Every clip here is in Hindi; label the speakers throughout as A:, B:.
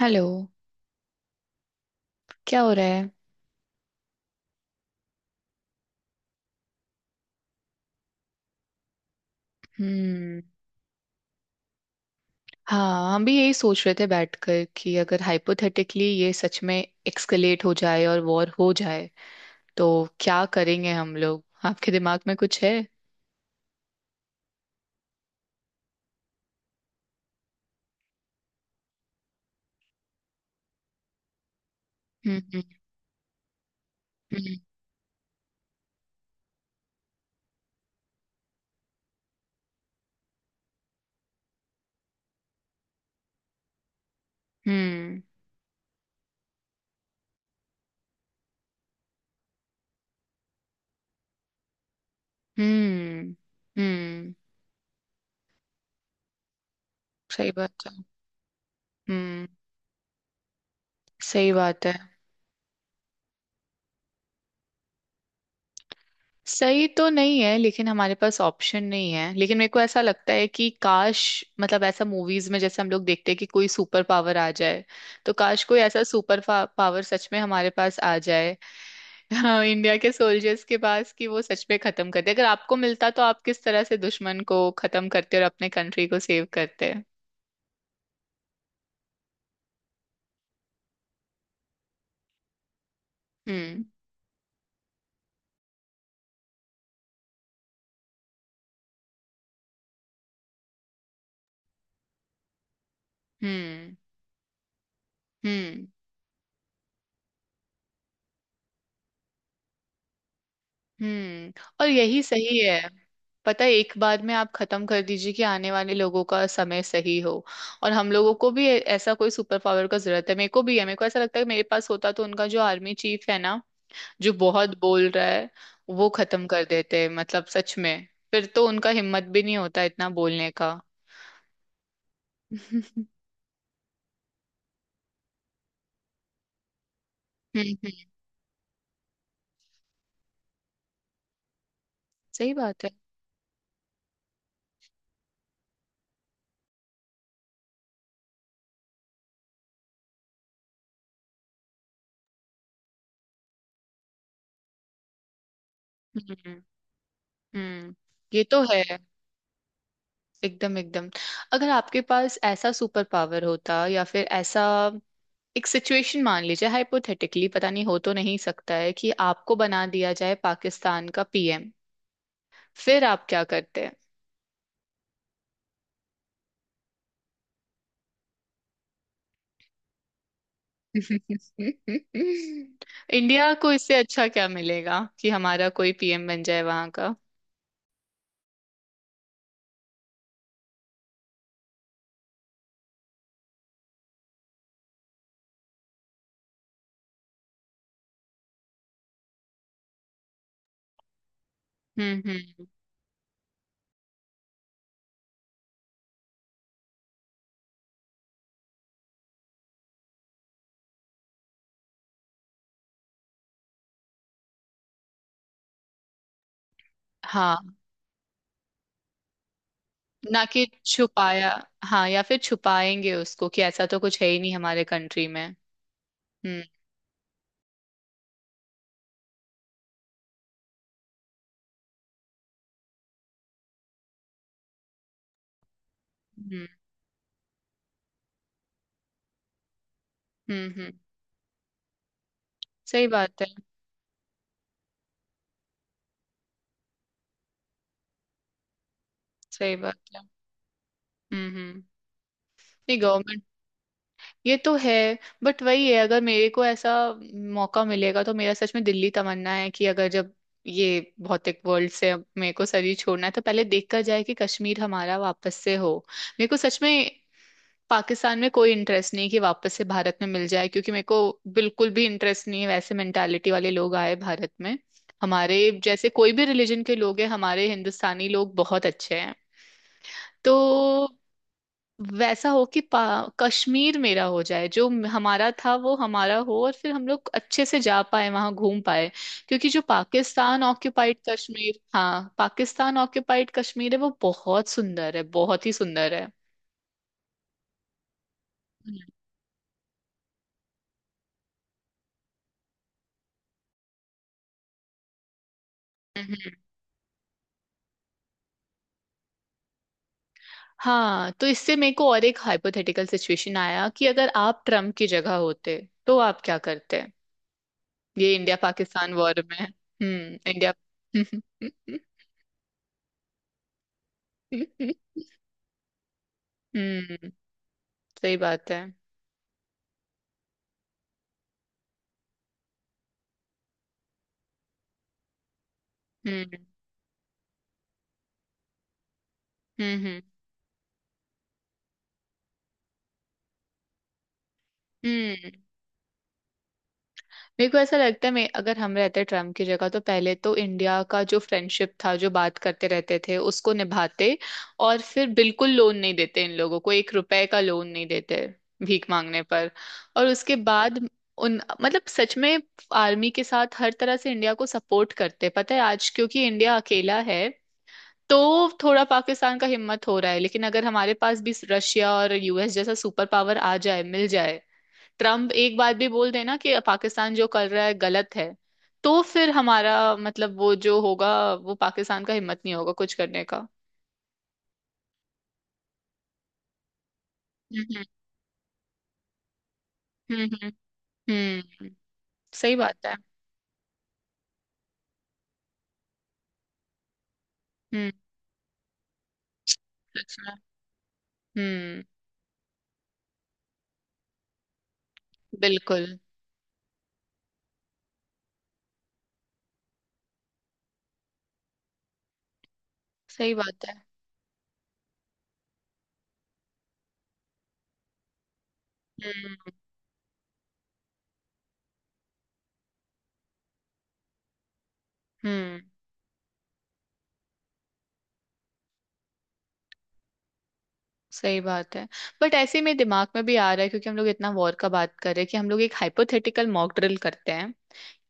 A: हेलो। क्या हो रहा है? हम्म। हाँ, हम भी यही सोच रहे थे बैठकर कि अगर हाइपोथेटिकली ये सच में एक्सकलेट हो जाए और वॉर हो जाए तो क्या करेंगे हम लोग? आपके दिमाग में कुछ है? हम्म। हम्म हम्म। हम्म। हम्म, सही बात है। हम्म। सही बात है। सही तो नहीं है, लेकिन हमारे पास ऑप्शन नहीं है। लेकिन मेरे को ऐसा लगता है कि काश, ऐसा मूवीज में जैसे हम लोग देखते हैं कि कोई सुपर पावर आ जाए, तो काश कोई ऐसा सुपर पावर सच में हमारे पास आ जाए। हाँ, इंडिया के सोल्जर्स के पास, कि वो सच में खत्म कर दे। अगर आपको मिलता तो आप किस तरह से दुश्मन को खत्म करते और अपने कंट्री को सेव करते? हम्म हम्म। हम्म हम्म। और यही सही है। पता है, एक बार में आप खत्म कर दीजिए कि आने वाले लोगों का समय सही हो। और हम लोगों को भी ऐसा कोई सुपर पावर का जरूरत है। मेरे को भी है, मेरे को ऐसा लगता है कि मेरे पास होता तो उनका जो आर्मी चीफ है ना, जो बहुत बोल रहा है, वो खत्म कर देते। सच में, फिर तो उनका हिम्मत भी नहीं होता इतना बोलने का। हम्म। सही बात है। हम्म हम्म। ये तो है। एकदम एकदम। अगर आपके पास ऐसा सुपर पावर होता, या फिर ऐसा एक सिचुएशन मान लीजिए हाइपोथेटिकली, पता नहीं हो तो नहीं सकता है, कि आपको बना दिया जाए पाकिस्तान का पीएम, फिर आप क्या करते हैं? इंडिया को इससे अच्छा क्या मिलेगा कि हमारा कोई पीएम बन जाए वहां का? हम्म। हाँ। ना कि छुपाया। हाँ, या फिर छुपाएंगे उसको कि ऐसा तो कुछ है ही नहीं हमारे कंट्री में। हम्म हम्म। हम्म। सही बात है। सही बात है। हम्म। नहीं, गवर्नमेंट। ये तो है। बट वही है, अगर मेरे को ऐसा मौका मिलेगा तो मेरा सच में दिल्ली तमन्ना है कि अगर जब ये भौतिक वर्ल्ड से अब मेरे को शरीर छोड़ना है, तो पहले देखा जाए कि कश्मीर हमारा वापस से हो। मेरे को सच में पाकिस्तान में कोई इंटरेस्ट नहीं कि वापस से भारत में मिल जाए, क्योंकि मेरे को बिल्कुल भी इंटरेस्ट नहीं है वैसे मेंटालिटी वाले लोग आए भारत में। हमारे जैसे कोई भी रिलीजन के लोग हैं, हमारे हिंदुस्तानी लोग बहुत अच्छे हैं। तो वैसा हो कि कश्मीर मेरा हो जाए, जो हमारा था वो हमारा हो, और फिर हम लोग अच्छे से जा पाए, वहां घूम पाए। क्योंकि जो पाकिस्तान ऑक्युपाइड कश्मीर, हाँ, पाकिस्तान ऑक्युपाइड कश्मीर है, वो बहुत सुंदर है, बहुत ही सुंदर है। हम्म, हम्म। हाँ, तो इससे मेरे को और एक हाइपोथेटिकल सिचुएशन आया कि अगर आप ट्रम्प की जगह होते तो आप क्या करते? ये इंडिया पाकिस्तान वॉर में, हम्म, इंडिया। हम्म। सही बात है। हम्म हम्म। हम्म। मेरे को ऐसा लगता है मैं अगर हम रहते ट्रम्प की जगह, तो पहले तो इंडिया का जो फ्रेंडशिप था, जो बात करते रहते थे, उसको निभाते। और फिर बिल्कुल लोन नहीं देते इन लोगों को, एक रुपए का लोन नहीं देते भीख मांगने पर। और उसके बाद उन, सच में, आर्मी के साथ हर तरह से इंडिया को सपोर्ट करते। पता है, आज क्योंकि इंडिया अकेला है, तो थोड़ा पाकिस्तान का हिम्मत हो रहा है। लेकिन अगर हमारे पास भी रशिया और यूएस जैसा सुपर पावर आ जाए, मिल जाए, ट्रम्प एक बात भी बोल देना कि पाकिस्तान जो कर रहा है गलत है, तो फिर हमारा वो जो होगा, वो पाकिस्तान का हिम्मत नहीं होगा कुछ करने का। हम्म। हम्म हम्म। सही बात है। हम्म। सच में। हम्म। बिल्कुल। सही बात है। हम्म हम्म। सही बात है। बट ऐसे में दिमाग में भी आ रहा है, क्योंकि हम लोग इतना वॉर का बात कर रहे हैं, कि हम लोग एक हाइपोथेटिकल मॉक ड्रिल करते हैं।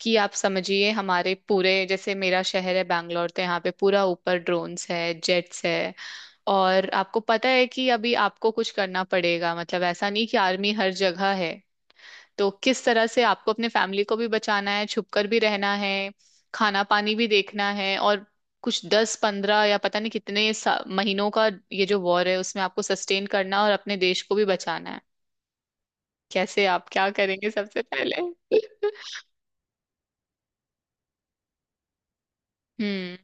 A: कि आप समझिए हमारे पूरे, जैसे मेरा शहर है बैंगलोर, तो यहाँ पे पूरा ऊपर ड्रोन्स है, जेट्स है, और आपको पता है कि अभी आपको कुछ करना पड़ेगा। ऐसा नहीं कि आर्मी हर जगह है। तो किस तरह से आपको अपने फैमिली को भी बचाना है, छुपकर भी रहना है, खाना पानी भी देखना है, और कुछ 10 15 या पता नहीं कितने महीनों का ये जो वॉर है, उसमें आपको सस्टेन करना और अपने देश को भी बचाना है। कैसे? आप क्या करेंगे सबसे पहले? हम्म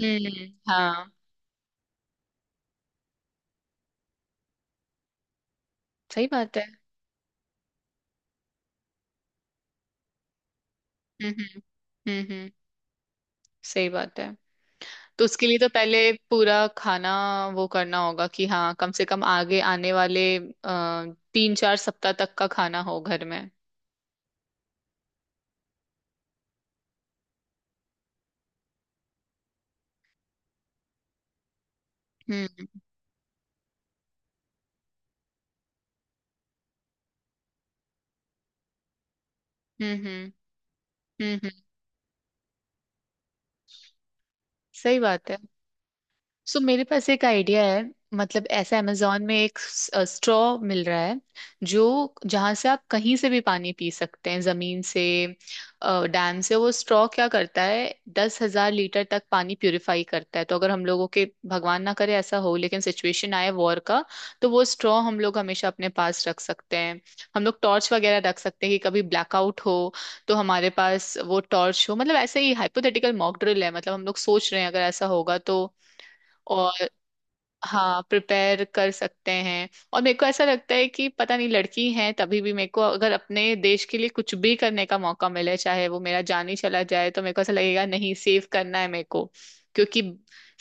A: हम्म। हाँ, सही बात है। हम्म। हम्म हम्म, सही बात है। तो उसके लिए तो पहले पूरा खाना, वो करना होगा कि हाँ, कम से कम आगे आने वाले आ, 3 4 सप्ताह तक का खाना हो घर में। हम्म हम्म। हम्म। सही बात है। सो मेरे पास एक आइडिया है। ऐसा अमेजोन में एक स्ट्रॉ मिल रहा है, जो, जहां से आप कहीं से भी पानी पी सकते हैं, जमीन से, डैम से। वो स्ट्रॉ क्या करता है, 10,000 लीटर तक पानी प्यूरिफाई करता है। तो अगर हम लोगों के, भगवान ना करे ऐसा हो, लेकिन सिचुएशन आए वॉर का, तो वो स्ट्रॉ हम लोग हमेशा अपने पास रख सकते हैं। हम लोग टॉर्च वगैरह रख सकते हैं कि कभी ब्लैकआउट हो तो हमारे पास वो टॉर्च हो। ऐसे ही हाइपोथेटिकल मॉक ड्रिल है, हम लोग सोच रहे हैं अगर ऐसा होगा तो। और हाँ, प्रिपेयर कर सकते हैं। और मेरे को ऐसा लगता है कि पता नहीं लड़की है तभी भी, मेरे को अगर अपने देश के लिए कुछ भी करने का मौका मिले, चाहे वो मेरा जान ही चला जाए, तो मेरे को ऐसा लगेगा नहीं, सेव करना है मेरे को। क्योंकि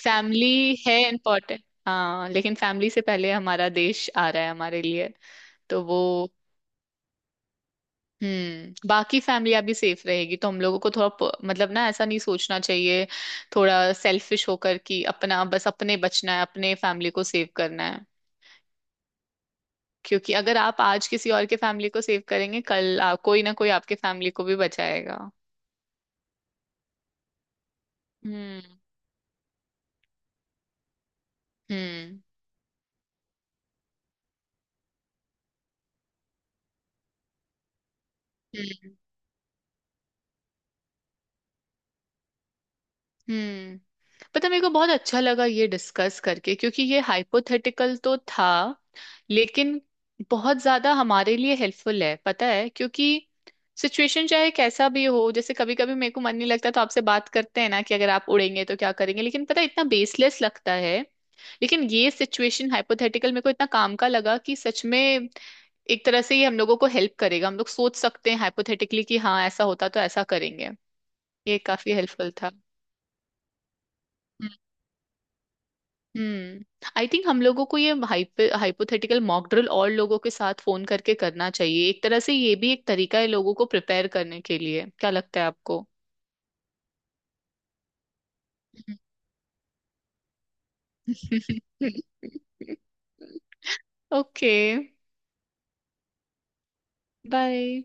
A: फैमिली है इम्पोर्टेंट, हाँ, लेकिन फैमिली से पहले हमारा देश आ रहा है हमारे लिए। तो वो, हम्म, बाकी फैमिली अभी सेफ रहेगी, तो हम लोगों को थोड़ा ना ऐसा नहीं सोचना चाहिए, थोड़ा सेल्फिश होकर कि अपना बस अपने बचना है, अपने फैमिली को सेव करना है। क्योंकि अगर आप आज किसी और के फैमिली को सेव करेंगे, कल कोई ना कोई आपके फैमिली को भी बचाएगा। हम्म हम्म। हम्म हम्म। पता है, मेरे को बहुत अच्छा लगा ये डिस्कस करके, क्योंकि ये हाइपोथेटिकल तो था लेकिन बहुत ज्यादा हमारे लिए हेल्पफुल है, पता है, क्योंकि सिचुएशन चाहे कैसा भी हो, जैसे कभी कभी मेरे को मन नहीं लगता तो आपसे बात करते हैं ना कि अगर आप उड़ेंगे तो क्या करेंगे, लेकिन पता है, इतना बेसलेस लगता है। लेकिन ये सिचुएशन हाइपोथेटिकल मेरे को इतना काम का लगा, कि सच में एक तरह से ये हम लोगों को हेल्प करेगा। हम लोग सोच सकते हैं हाइपोथेटिकली कि हाँ, ऐसा होता तो ऐसा करेंगे। ये काफी हेल्पफुल था। हम्म, आई थिंक हम लोगों को ये हाइपोथेटिकल मॉक ड्रिल और लोगों के साथ फोन करके करना चाहिए। एक तरह से ये भी एक तरीका है लोगों को प्रिपेयर करने के लिए। क्या लगता है आपको? ओके। बाय।